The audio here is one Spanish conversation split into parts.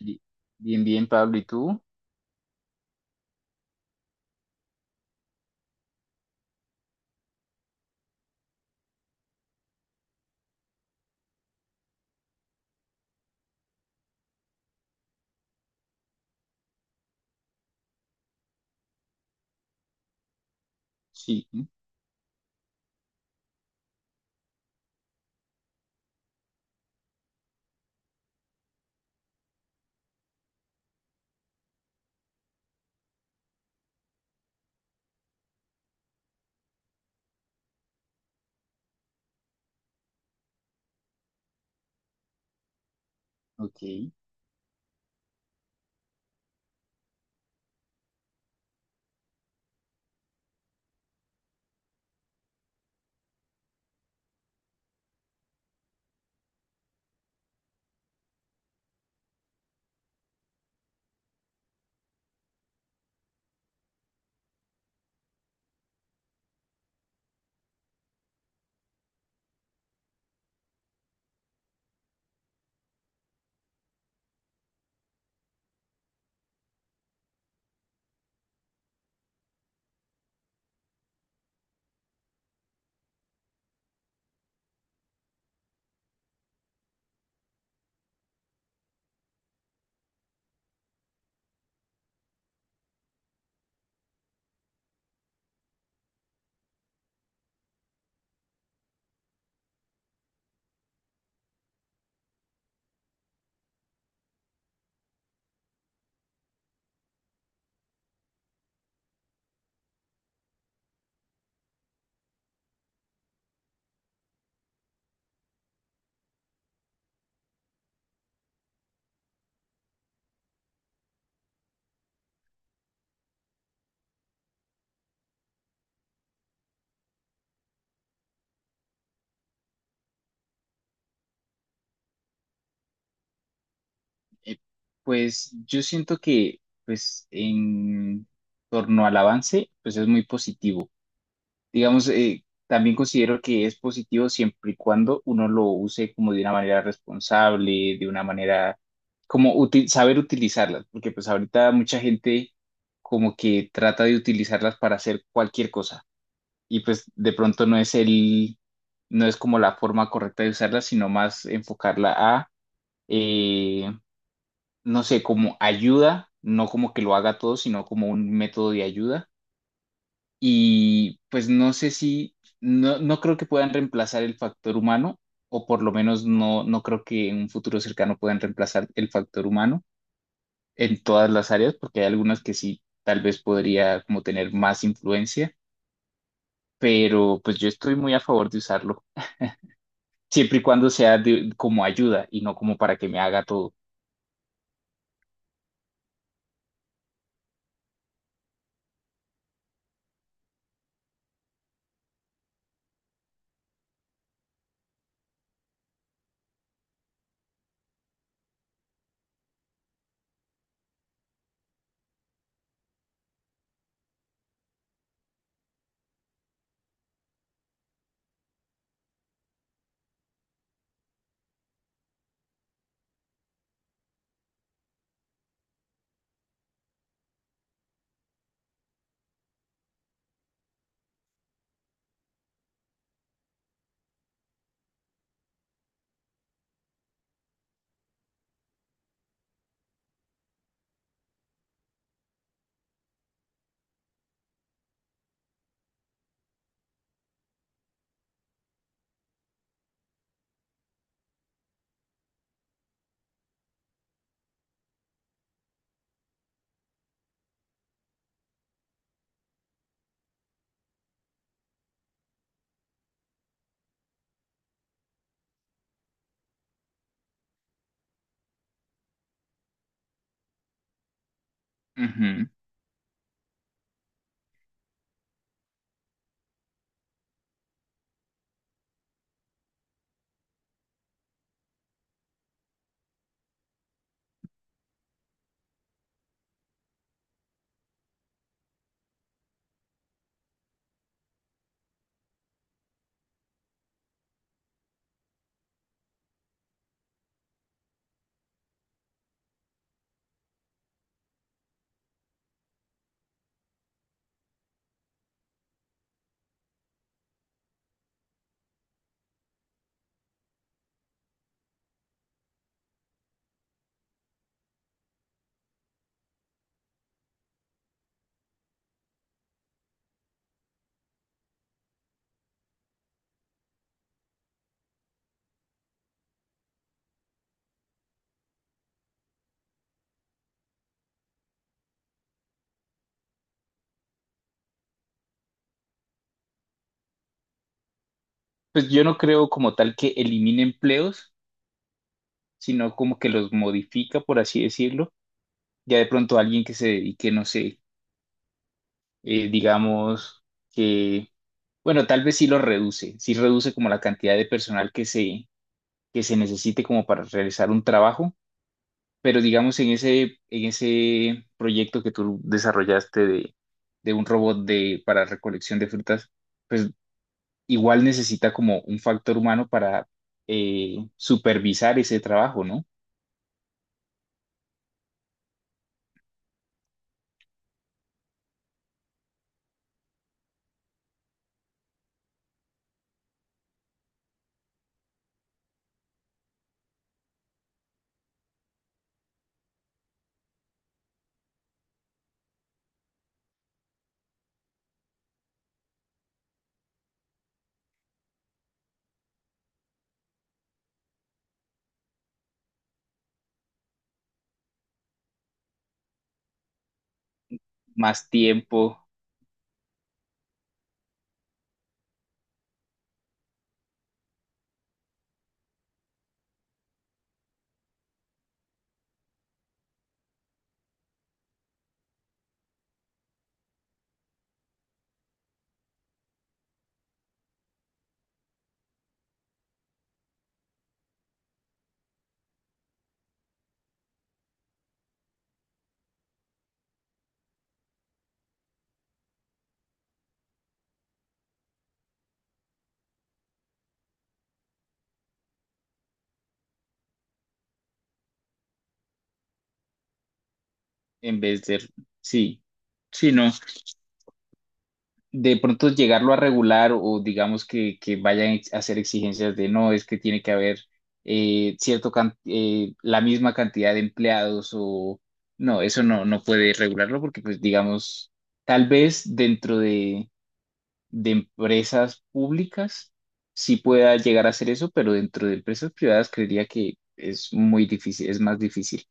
Bi- Bien, bien, Pablo, ¿y tú? Sí, ok. Eh, pues yo siento que, en torno al avance, pues es muy positivo. Digamos, también considero que es positivo siempre y cuando uno lo use como de una manera responsable, de una manera, saber utilizarlas, porque pues ahorita mucha gente como que trata de utilizarlas para hacer cualquier cosa. Y pues de pronto no es como la forma correcta de usarla, sino más enfocarla a, eh, no sé, como ayuda, no como que lo haga todo, sino como un método de ayuda. Y pues no sé no creo que puedan reemplazar el factor humano, o por lo menos no creo que en un futuro cercano puedan reemplazar el factor humano en todas las áreas, porque hay algunas que sí, tal vez podría como tener más influencia, pero pues yo estoy muy a favor de usarlo, siempre y cuando como ayuda y no como para que me haga todo. Ujú. Pues yo no creo como tal que elimine empleos, sino como que los modifica, por así decirlo. Ya de pronto alguien que se dedique, no sé, digamos que, bueno, tal vez sí lo reduce, sí reduce como la cantidad de personal que se necesite como para realizar un trabajo, pero digamos en en ese proyecto que tú desarrollaste de un robot de, para recolección de frutas, pues igual necesita como un factor humano para supervisar ese trabajo, ¿no? Más tiempo en vez de, sí, sí, no. De pronto llegarlo a regular o digamos que, a hacer exigencias de no, es que tiene que haber la misma cantidad de empleados o no, eso no puede regularlo porque pues digamos, tal vez dentro de empresas públicas sí pueda llegar a hacer eso, pero dentro de empresas privadas creería que es muy difícil, es más difícil.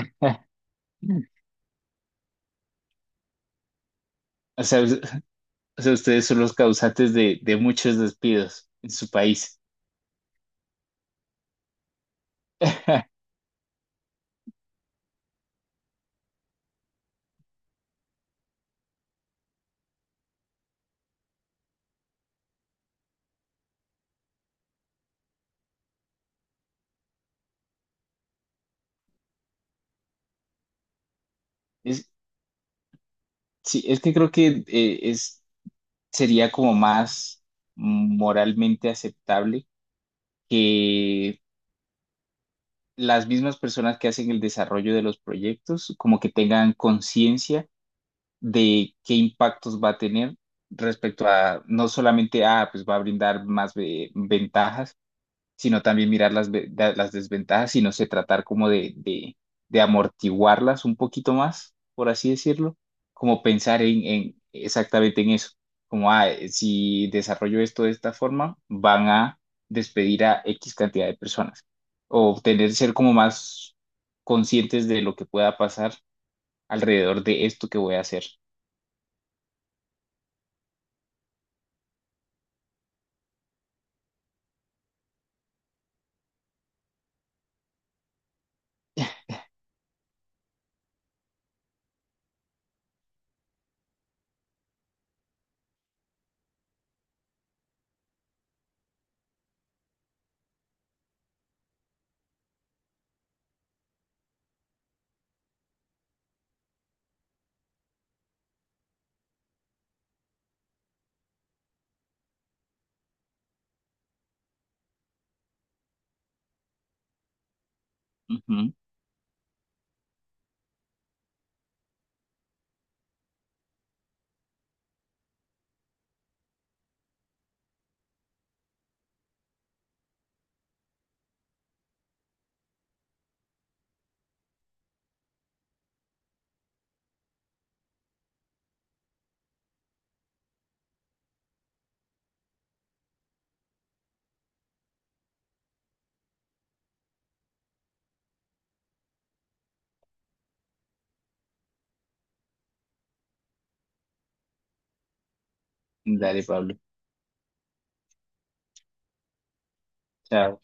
O sea, us- o sea, ustedes son los causantes de muchos despidos en su país. Es, sí, es que creo que sería como más moralmente aceptable que las mismas personas que hacen el desarrollo de los proyectos como que tengan conciencia de qué impactos va a tener respecto a no solamente, ah, pues va a brindar ventajas, sino también mirar las desventajas y no sé, tratar como de amortiguarlas un poquito más, por así decirlo, como pensar en exactamente en eso, como, ah, si desarrollo esto de esta forma, van a despedir a X cantidad de personas o tener, ser como más conscientes de lo que pueda pasar alrededor de esto que voy a hacer. Dale, Pablo. Chao.